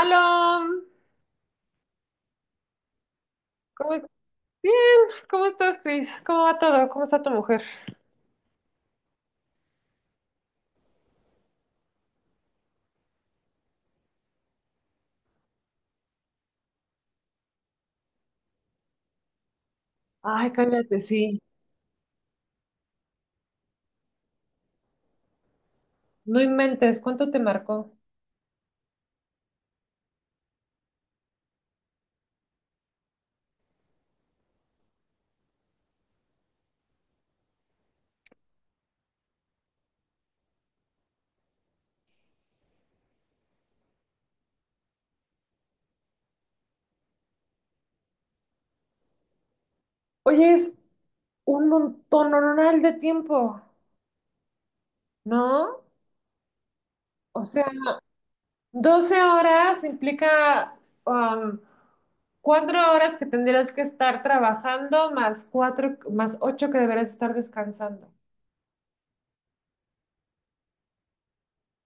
Aló, ¿cómo, bien. ¿Cómo estás, Cris? ¿Cómo va todo? ¿Cómo está tu mujer? Ay, cállate, sí. No inventes, ¿cuánto te marcó? Oye, es un montón de tiempo, ¿no? O sea, 12 horas implica um, 4 horas que tendrías que estar trabajando más 4, más 8 que deberías estar descansando.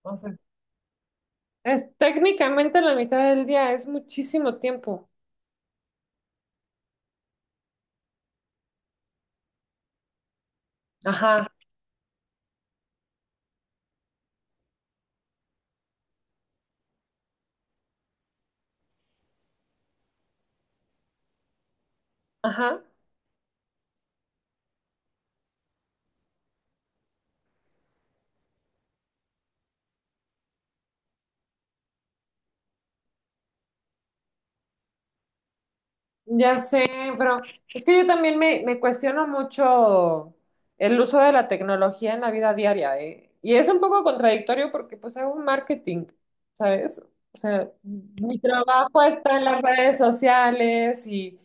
Entonces, es técnicamente la mitad del día, es muchísimo tiempo. Ajá, ajá. Ya sé, pero es que yo también me cuestiono mucho el uso de la tecnología en la vida diaria, ¿eh? Y es un poco contradictorio porque pues hago un marketing, ¿sabes? O sea, mi trabajo está en las redes sociales y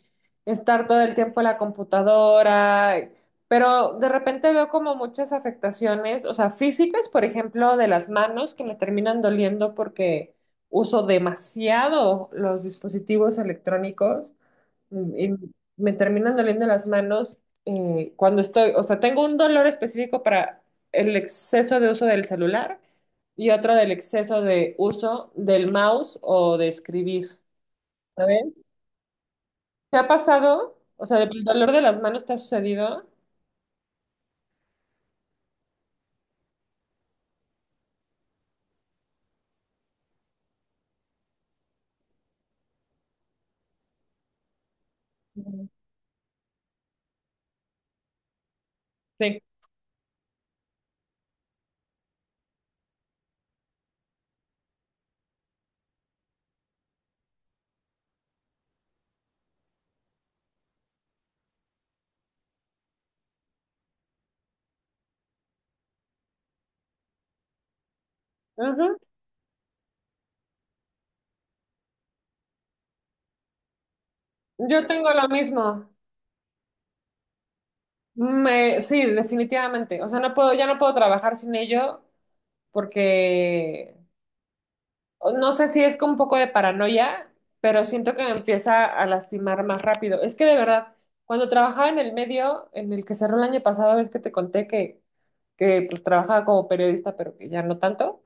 estar todo el tiempo en la computadora, pero de repente veo como muchas afectaciones, o sea, físicas, por ejemplo, de las manos que me terminan doliendo porque uso demasiado los dispositivos electrónicos y me terminan doliendo las manos cuando estoy, o sea, tengo un dolor específico para el exceso de uso del celular y otro del exceso de uso del mouse o de escribir, ¿sabes? ¿Te ha pasado? O sea, ¿el dolor de las manos te ha sucedido? Ujú. Sí. Ujú. Yo tengo lo mismo. Sí, definitivamente. O sea, no puedo, ya no puedo trabajar sin ello porque no sé si es con un poco de paranoia, pero siento que me empieza a lastimar más rápido. Es que de verdad, cuando trabajaba en el medio en el que cerró el año pasado, es que te conté que pues trabajaba como periodista, pero que ya no tanto,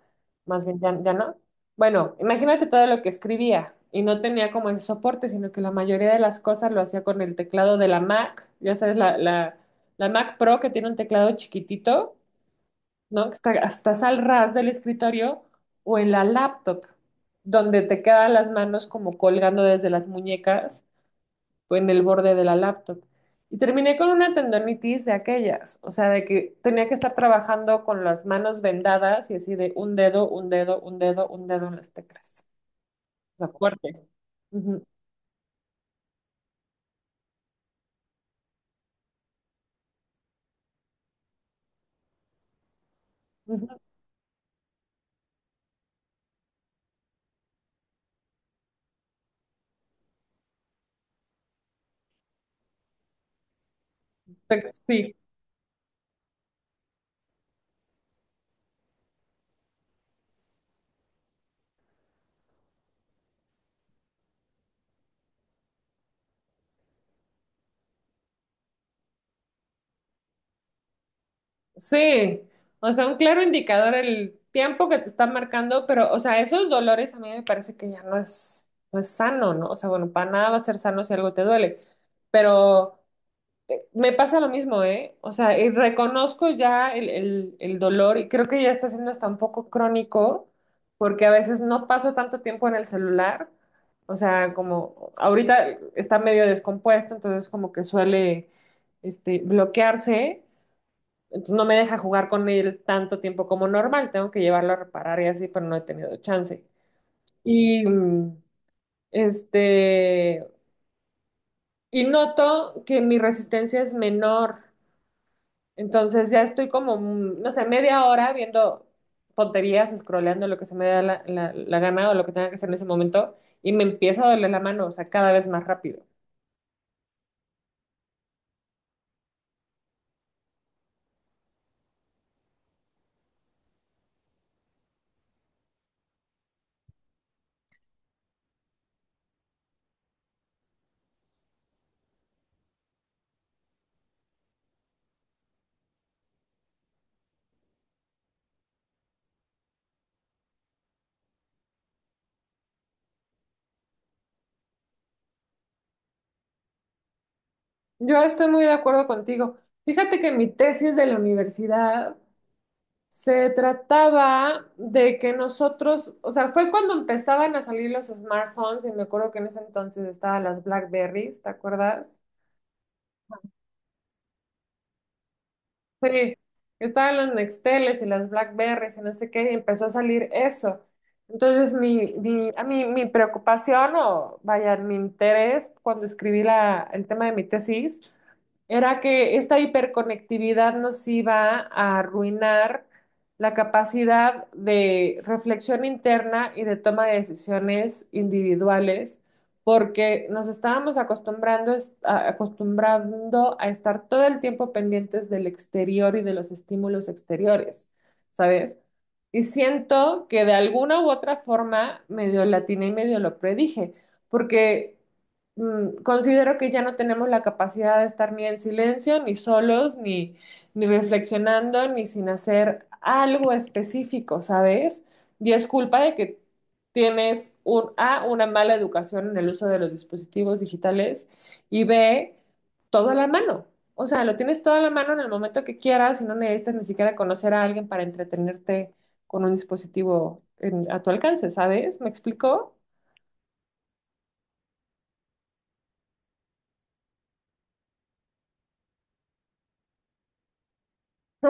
más bien ya, ya no. Bueno, imagínate todo lo que escribía y no tenía como ese soporte, sino que la mayoría de las cosas lo hacía con el teclado de la Mac, ya sabes, la Mac Pro que tiene un teclado chiquitito, ¿no? Que estás al ras del escritorio o en la laptop, donde te quedan las manos como colgando desde las muñecas o en el borde de la laptop. Y terminé con una tendonitis de aquellas, o sea, de que tenía que estar trabajando con las manos vendadas y así de un dedo, un dedo, un dedo, un dedo en las teclas. O sea, fuerte. Ujú, ujú. Sí. Sí, o sea, un claro indicador el tiempo que te está marcando, pero, o sea, esos dolores a mí me parece que ya no es, no es sano, ¿no? O sea, bueno, para nada va a ser sano si algo te duele, pero me pasa lo mismo, ¿eh? O sea, y reconozco ya el dolor y creo que ya está siendo hasta un poco crónico, porque a veces no paso tanto tiempo en el celular, o sea, como ahorita está medio descompuesto, entonces como que suele, este, bloquearse. Entonces no me deja jugar con él tanto tiempo como normal, tengo que llevarlo a reparar y así, pero no he tenido chance. Y este, y noto que mi resistencia es menor, entonces ya estoy como, no sé, media hora viendo tonterías, scrolleando lo que se me da la gana o lo que tenga que hacer en ese momento, y me empieza a doler la mano, o sea, cada vez más rápido. Yo estoy muy de acuerdo contigo. Fíjate que en mi tesis de la universidad se trataba de que nosotros, o sea, fue cuando empezaban a salir los smartphones y me acuerdo que en ese entonces estaban las BlackBerries, ¿te acuerdas? Sí, estaban los Nexteles y las Blackberries y no sé qué, y empezó a salir eso. Entonces, mi preocupación o vaya, mi interés cuando escribí el tema de mi tesis era que esta hiperconectividad nos iba a arruinar la capacidad de reflexión interna y de toma de decisiones individuales porque nos estábamos acostumbrando, acostumbrando a estar todo el tiempo pendientes del exterior y de los estímulos exteriores, ¿sabes? Y siento que de alguna u otra forma medio latina y medio lo predije, porque considero que ya no tenemos la capacidad de estar ni en silencio, ni solos, ni reflexionando, ni sin hacer algo específico, ¿sabes? Y es culpa de que tienes un, A, una mala educación en el uso de los dispositivos digitales y B, todo a la mano. O sea, lo tienes todo a la mano en el momento que quieras y no necesitas ni siquiera conocer a alguien para entretenerte con un dispositivo en- a tu alcance, ¿sabes? ¿Me explico?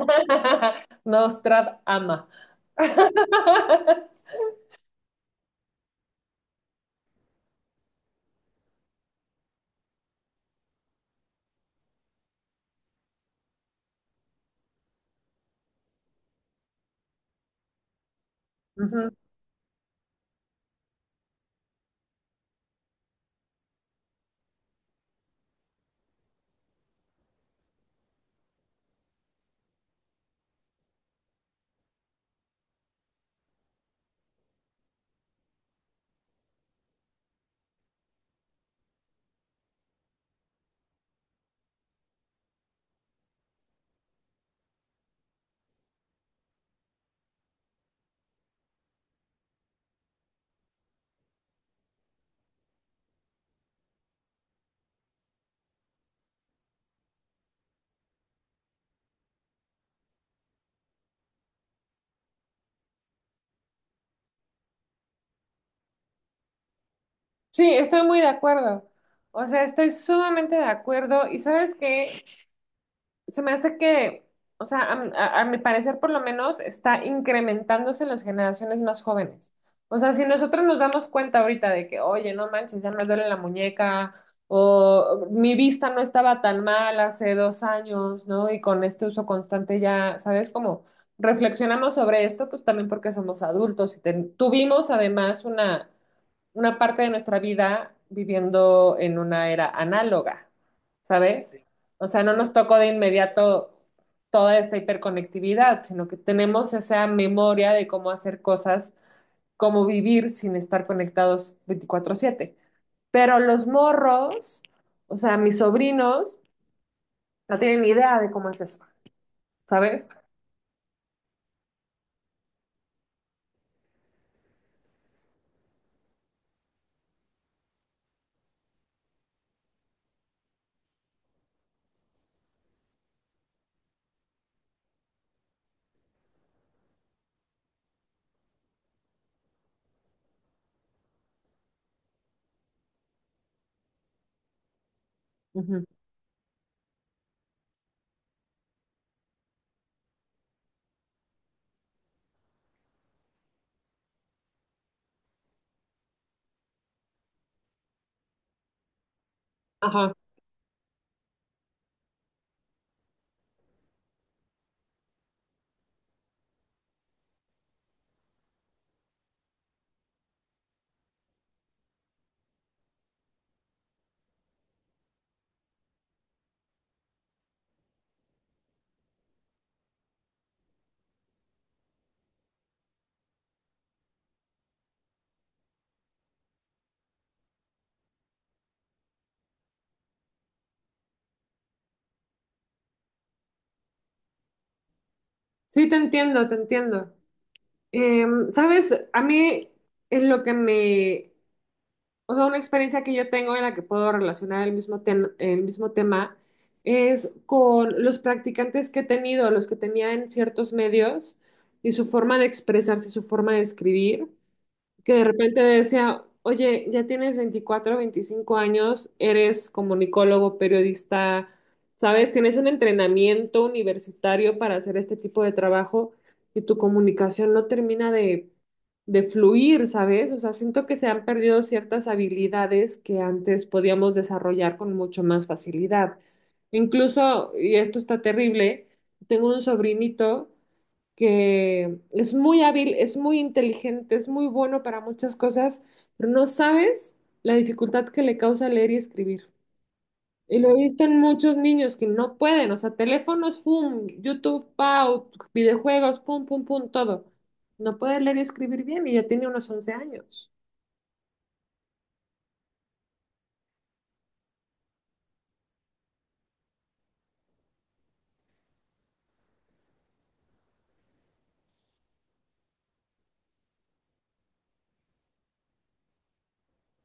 Nostrad ama. Ujú. Sí, estoy muy de acuerdo. O sea, estoy sumamente de acuerdo. ¿Y sabes qué? Se me hace que, o sea, a mi parecer por lo menos está incrementándose en las generaciones más jóvenes. O sea, si nosotros nos damos cuenta ahorita de que, oye, no manches, ya me duele la muñeca, o mi vista no estaba tan mal hace 2 años, ¿no? Y con este uso constante ya, ¿sabes? Como reflexionamos sobre esto, pues también porque somos adultos y tuvimos además una parte de nuestra vida viviendo en una era análoga, ¿sabes? Sí. O sea, no nos tocó de inmediato toda esta hiperconectividad, sino que tenemos esa memoria de cómo hacer cosas, cómo vivir sin estar conectados 24/7. Pero los morros, o sea, mis sobrinos, no tienen ni idea de cómo es eso, ¿sabes? Ujú. Ajá. Sí, te entiendo, te entiendo. ¿Sabes? A mí es lo que me. O sea, una experiencia que yo tengo en la que puedo relacionar el mismo, el mismo tema es con los practicantes que he tenido, los que tenía en ciertos medios y su forma de expresarse, su forma de escribir que de repente decía, oye, ya tienes 24 25 años, eres comunicólogo, periodista, ¿sabes? Tienes un entrenamiento universitario para hacer este tipo de trabajo y tu comunicación no termina de fluir, ¿sabes? O sea, siento que se han perdido ciertas habilidades que antes podíamos desarrollar con mucho más facilidad. Incluso, y esto está terrible, tengo un sobrinito que es muy hábil, es muy inteligente, es muy bueno para muchas cosas, pero no sabes la dificultad que le causa leer y escribir. Y lo he visto en muchos niños que no pueden, o sea, teléfonos, pum, YouTube, pau, videojuegos, pum, pum, pum, todo. No puede leer y escribir bien y ya tiene unos 11 años.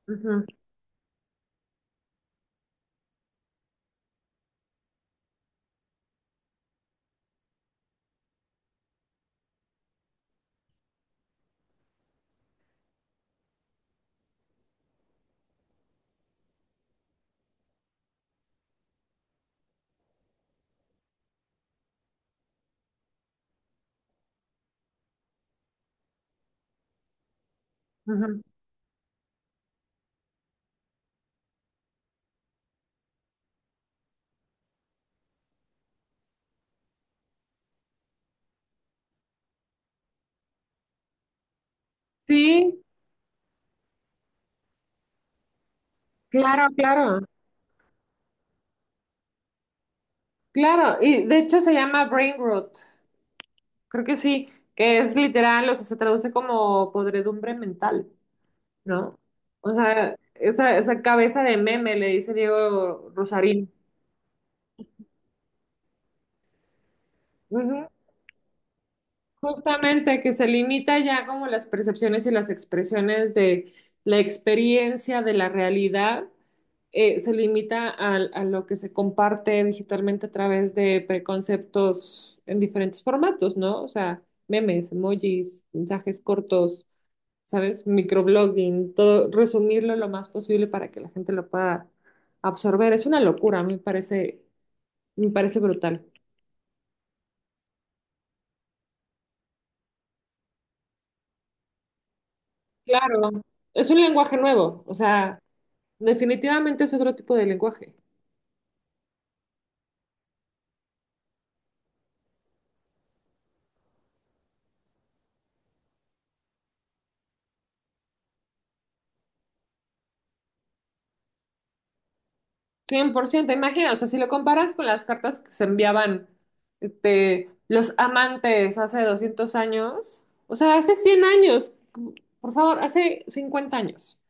Ujú, ujú. Sí, claro, claro, claro. Y de hecho se llama brain rot. Creo que sí, que es literal, o sea, se traduce como podredumbre mental. ¿No? O sea, esa cabeza de meme, le dice Diego Rosarín. Ujú. Justamente que se limita ya como las percepciones y las expresiones de la experiencia de la realidad, se limita al- a, lo que se comparte digitalmente a través de preconceptos en diferentes formatos, ¿no? O sea, memes, emojis, mensajes cortos, ¿sabes? Microblogging, todo, resumirlo lo más posible para que la gente lo pueda absorber. Es una locura, a mí me parece brutal. Claro, es un lenguaje nuevo, o sea... Definitivamente es otro tipo de lenguaje. 100%, imagina, o sea, si lo comparas con las cartas que se enviaban este, los amantes hace 200 años, o sea, hace 100 años, por favor, hace 50 años,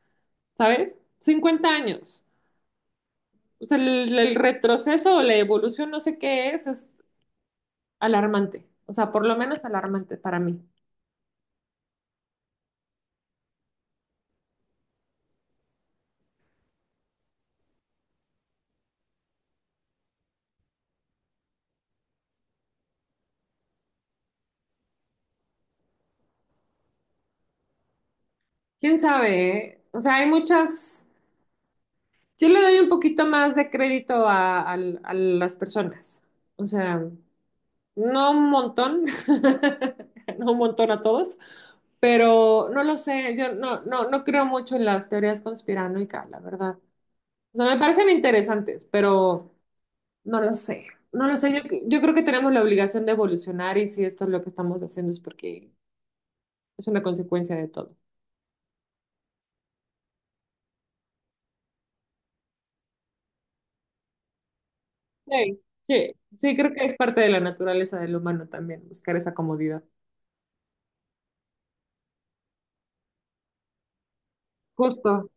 ¿sabes? 50 años. O sea, el retroceso o la evolución, no sé qué es alarmante. O sea, por lo menos alarmante para mí. ¿Quién sabe, eh? O sea, hay muchas... Yo le doy un poquito más de crédito a, al- a las personas. O sea... No un montón, no un montón a todos, pero no lo sé, yo no, no, no creo mucho en las teorías conspiranoicas, la verdad. O sea, me parecen interesantes, pero no lo sé. No lo sé, yo creo que tenemos la obligación de evolucionar y si esto es lo que estamos haciendo es porque es una consecuencia de todo. Sí, sí, sí, creo que es parte de la naturaleza del humano también, buscar esa comodidad. Justo.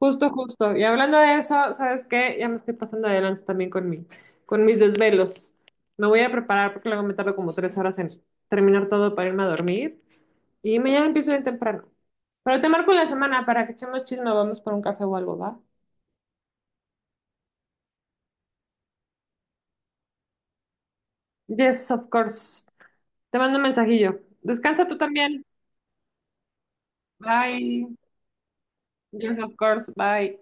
Justo, justo. Y hablando de eso, ¿sabes qué? Ya me estoy pasando de lanza también con mis desvelos. Me voy a preparar porque luego me tardo como 3 horas en terminar todo para irme a dormir. Y mañana empiezo bien temprano. Pero te marco en la semana para que echemos chisme, vamos por un café o algo, ¿va? Yes, of course. Te mando un mensajillo. Descansa tú también. Bye. Yes, of course. Bye.